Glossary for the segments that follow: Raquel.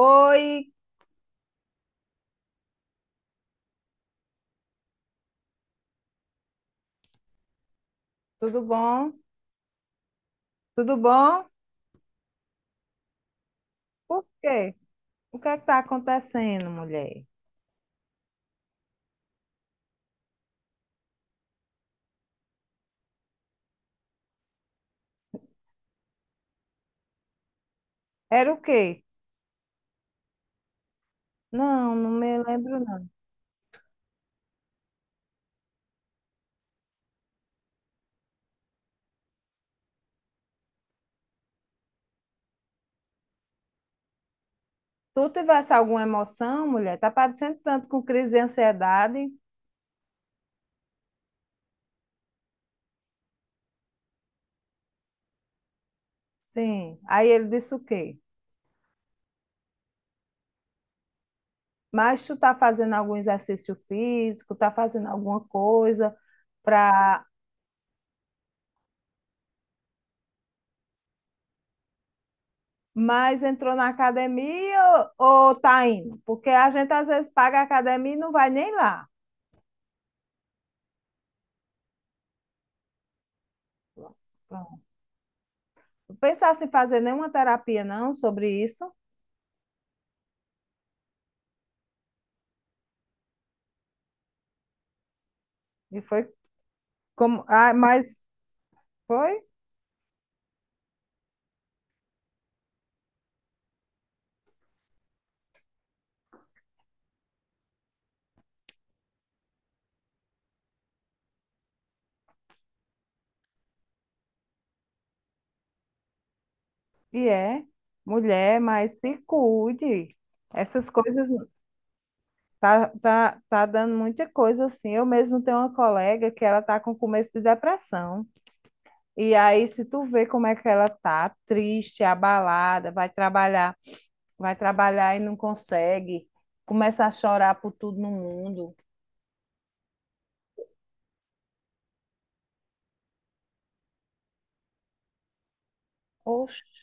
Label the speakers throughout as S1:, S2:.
S1: Oi, tudo bom? Tudo bom? Por quê? O que é que tá acontecendo, mulher? Era o quê? Não, não me lembro, não. Tu tivesse alguma emoção, mulher? Tá parecendo tanto com crise de ansiedade? Sim. Aí ele disse o quê? Mas tu tá fazendo algum exercício físico, tá fazendo alguma coisa pra... Mas entrou na academia ou tá indo? Porque a gente às vezes paga a academia e não vai nem lá. Pensasse em fazer nenhuma terapia, não, sobre isso. E foi como. Ah, mas foi e é. Mulher, mas se cuide. Essas coisas tá dando muita coisa assim. Eu mesmo tenho uma colega que ela tá com começo de depressão. E aí, se tu vê como é que ela tá, triste, abalada, vai trabalhar e não consegue, começa a chorar por tudo no mundo. Oxe.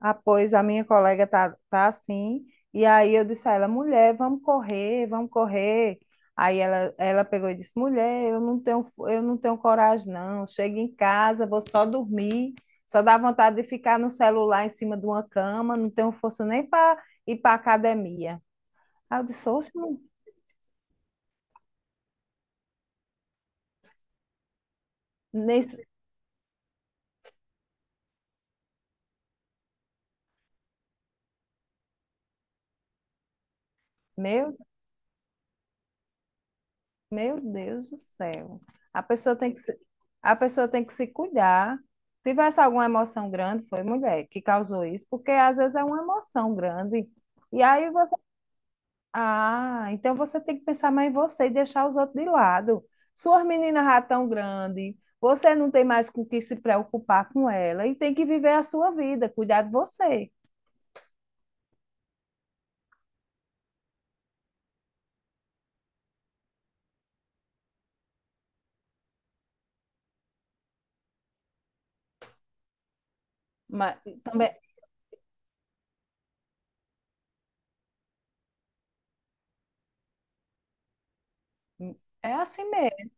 S1: Ah, pois a minha colega tá assim. E aí eu disse a ela, mulher, vamos correr, vamos correr. Aí ela pegou e disse, mulher, eu não tenho, eu não tenho coragem, não. Chego em casa, vou só dormir. Só dá vontade de ficar no celular em cima de uma cama, não tenho força nem para ir para academia. Aí eu disse, oxe, mu- nesse, meu. Meu Deus do céu. A pessoa tem que se, a pessoa tem que se cuidar. Se tivesse alguma emoção grande, foi mulher que causou isso, porque às vezes é uma emoção grande. E aí você. Ah, então você tem que pensar mais em você e deixar os outros de lado. Suas meninas já tão grandes, você não tem mais com o que se preocupar com ela e tem que viver a sua vida, cuidar de você. Mas também é assim mesmo.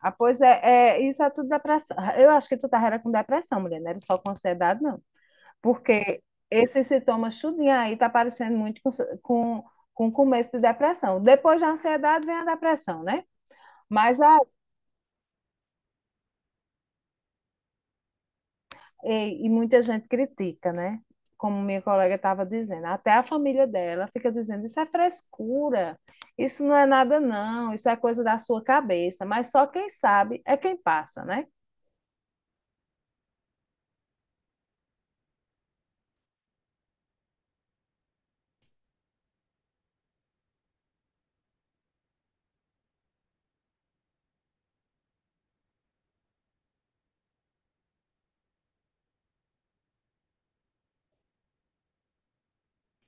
S1: Ah, pois é, isso é tudo depressão. Eu acho que tu tava era com depressão, mulher, não era só com ansiedade, não. Porque esse sintoma tudinho aí tá parecendo muito com, com começo de depressão. Depois da ansiedade vem a depressão, né? Mas a, e muita gente critica, né? Como minha colega estava dizendo, até a família dela fica dizendo: isso é frescura, isso não é nada, não, isso é coisa da sua cabeça. Mas só quem sabe é quem passa, né?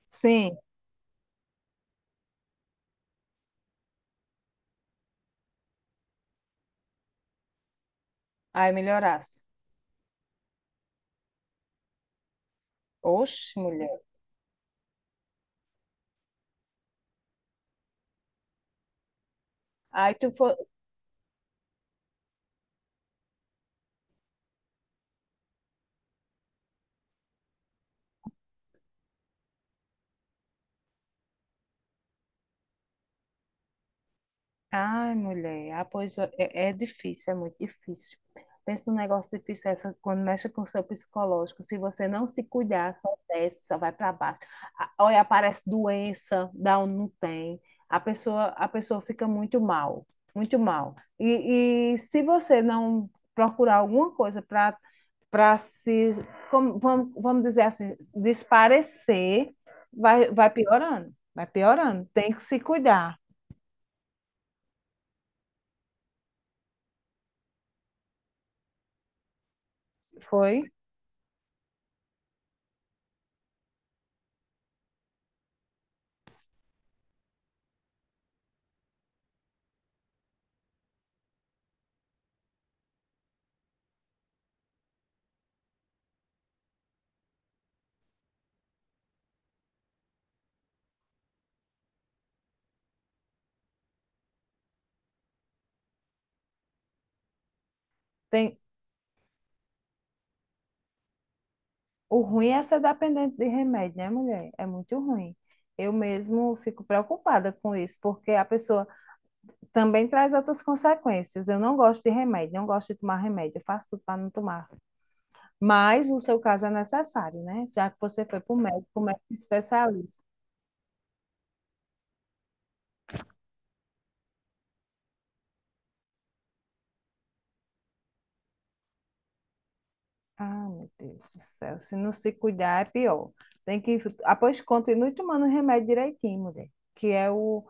S1: Sim, aí melhorasse. Oxe, mulher. Aí tu foi. Ai, mulher, ah, pois é, é difícil, é muito difícil. Pensa num negócio difícil essa, quando mexe com o seu psicológico. Se você não se cuidar, só desce, só vai para baixo. A- Olha, aparece doença, dá onde não tem. A pessoa fica muito mal, muito mal. E se você não procurar alguma coisa para para se, como, vamos dizer assim, desaparecer, vai piorando, vai piorando. Tem que se cuidar. Foi? Tem... O ruim é ser dependente de remédio, né, mulher? É muito ruim. Eu mesmo fico preocupada com isso, porque a pessoa também traz outras consequências. Eu não gosto de remédio, não gosto de tomar remédio, eu faço tudo para não tomar. Mas o seu caso é necessário, né? Já que você foi para o médico especialista. Ah, meu Deus do céu, se não se cuidar é pior. Tem que. Ah, pois continue tomando remédio direitinho, mulher, que é o,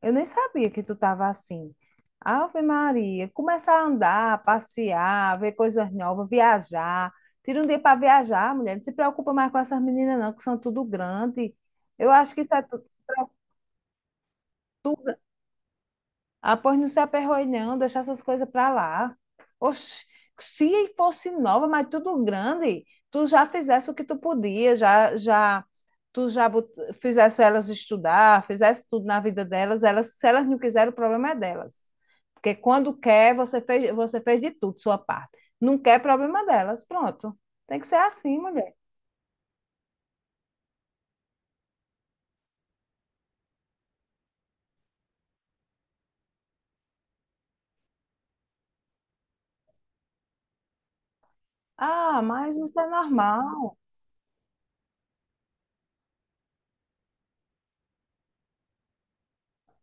S1: eu nem sabia que tu estava assim. Ave Maria, começar a andar, passear, ver coisas novas, viajar. Tira um dia para viajar, mulher. Não se preocupa mais com essas meninas, não, que são tudo grande. Eu acho que isso é tudo, ah, pois não se aperroe não, deixar essas coisas para lá. Oxi, se fosse nova, mas tudo grande, tu já fizesse o que tu podia, tu já bot- fizesse elas estudar, fizesse tudo na vida delas, elas, se elas não quiserem, o problema é delas. Porque quando quer, você fez de tudo, sua parte. Não quer, é problema delas, pronto. Tem que ser assim, mulher. Ah, mas isso é normal.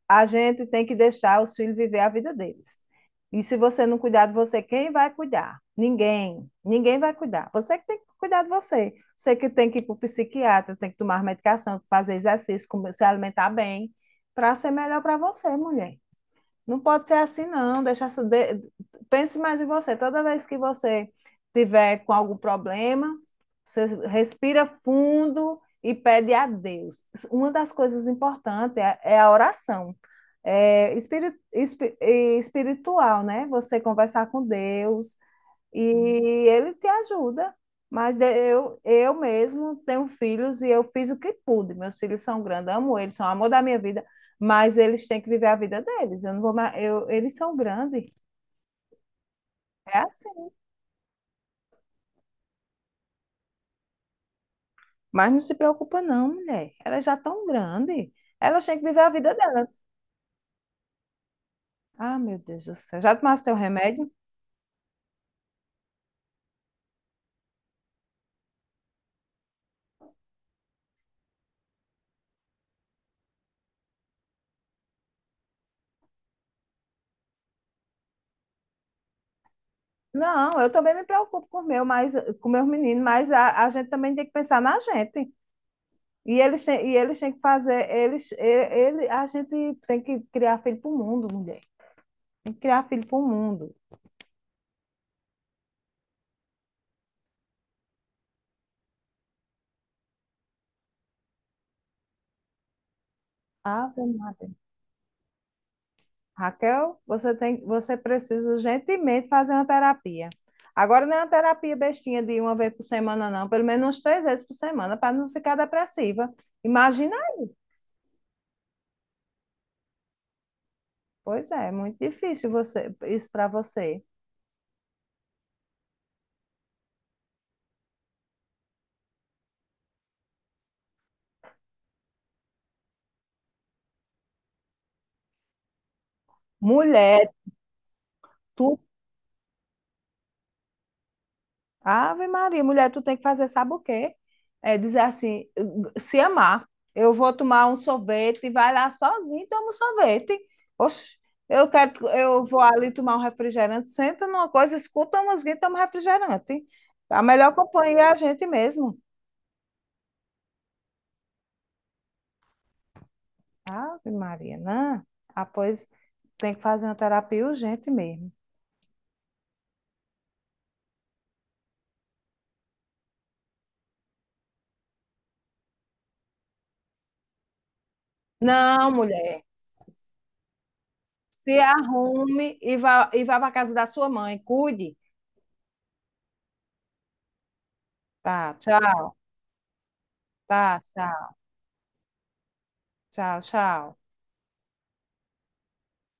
S1: A gente tem que deixar os filhos viver a vida deles. E se você não cuidar de você, quem vai cuidar? Ninguém. Ninguém vai cuidar. Você que tem que cuidar de você. Você que tem que ir para o psiquiatra, tem que tomar medicação, fazer exercício, se alimentar bem, para ser melhor para você, mulher. Não pode ser assim, não. Deixa, essa- de- pense mais em você. Toda vez que você tiver com algum problema, você respira fundo e pede a Deus. Uma das coisas importantes é a oração. É espiritual, né? Você conversar com Deus e ele te ajuda. Mas de- eu mesmo tenho filhos e eu fiz o que pude. Meus filhos são grandes, amo eles, são o amor da minha vida, mas eles têm que viver a vida deles. Eu não vou mais, eu, eles são grandes, é assim. Mas não se preocupa não, mulher. Elas já estão grandes. Elas têm que viver a vida delas. Ah, meu Deus do céu. Já tomaste teu remédio? Não, eu também me preocupo com o meu, mas com meus meninos, mas a gente também tem que pensar na gente. E eles têm que fazer, eles, ele- a gente tem que criar filho para o mundo, mulher. Tem que criar filho para o mundo. Ave Maria. Raquel, você tem, você precisa urgentemente fazer uma terapia. Agora não é uma terapia bestinha de uma vez por semana, não, pelo menos umas três vezes por semana, para não ficar depressiva. Imagina, pois é, é muito difícil você, isso para você. Mulher, tu. Ave Maria, mulher, tu tem que fazer, sabe o quê? É dizer assim, se amar. Eu vou tomar um sorvete, vai lá sozinho, toma um sorvete. Oxe, eu quero, eu vou ali tomar um refrigerante, senta numa coisa, escuta uma música e toma um refrigerante. A melhor companhia é a gente mesmo. Ave Maria, não. Ah, pois tem que fazer uma terapia urgente mesmo. Não, mulher, se arrume e vá para casa da sua mãe, cuide. Tá, tchau. Tá, tchau. Tchau, tchau.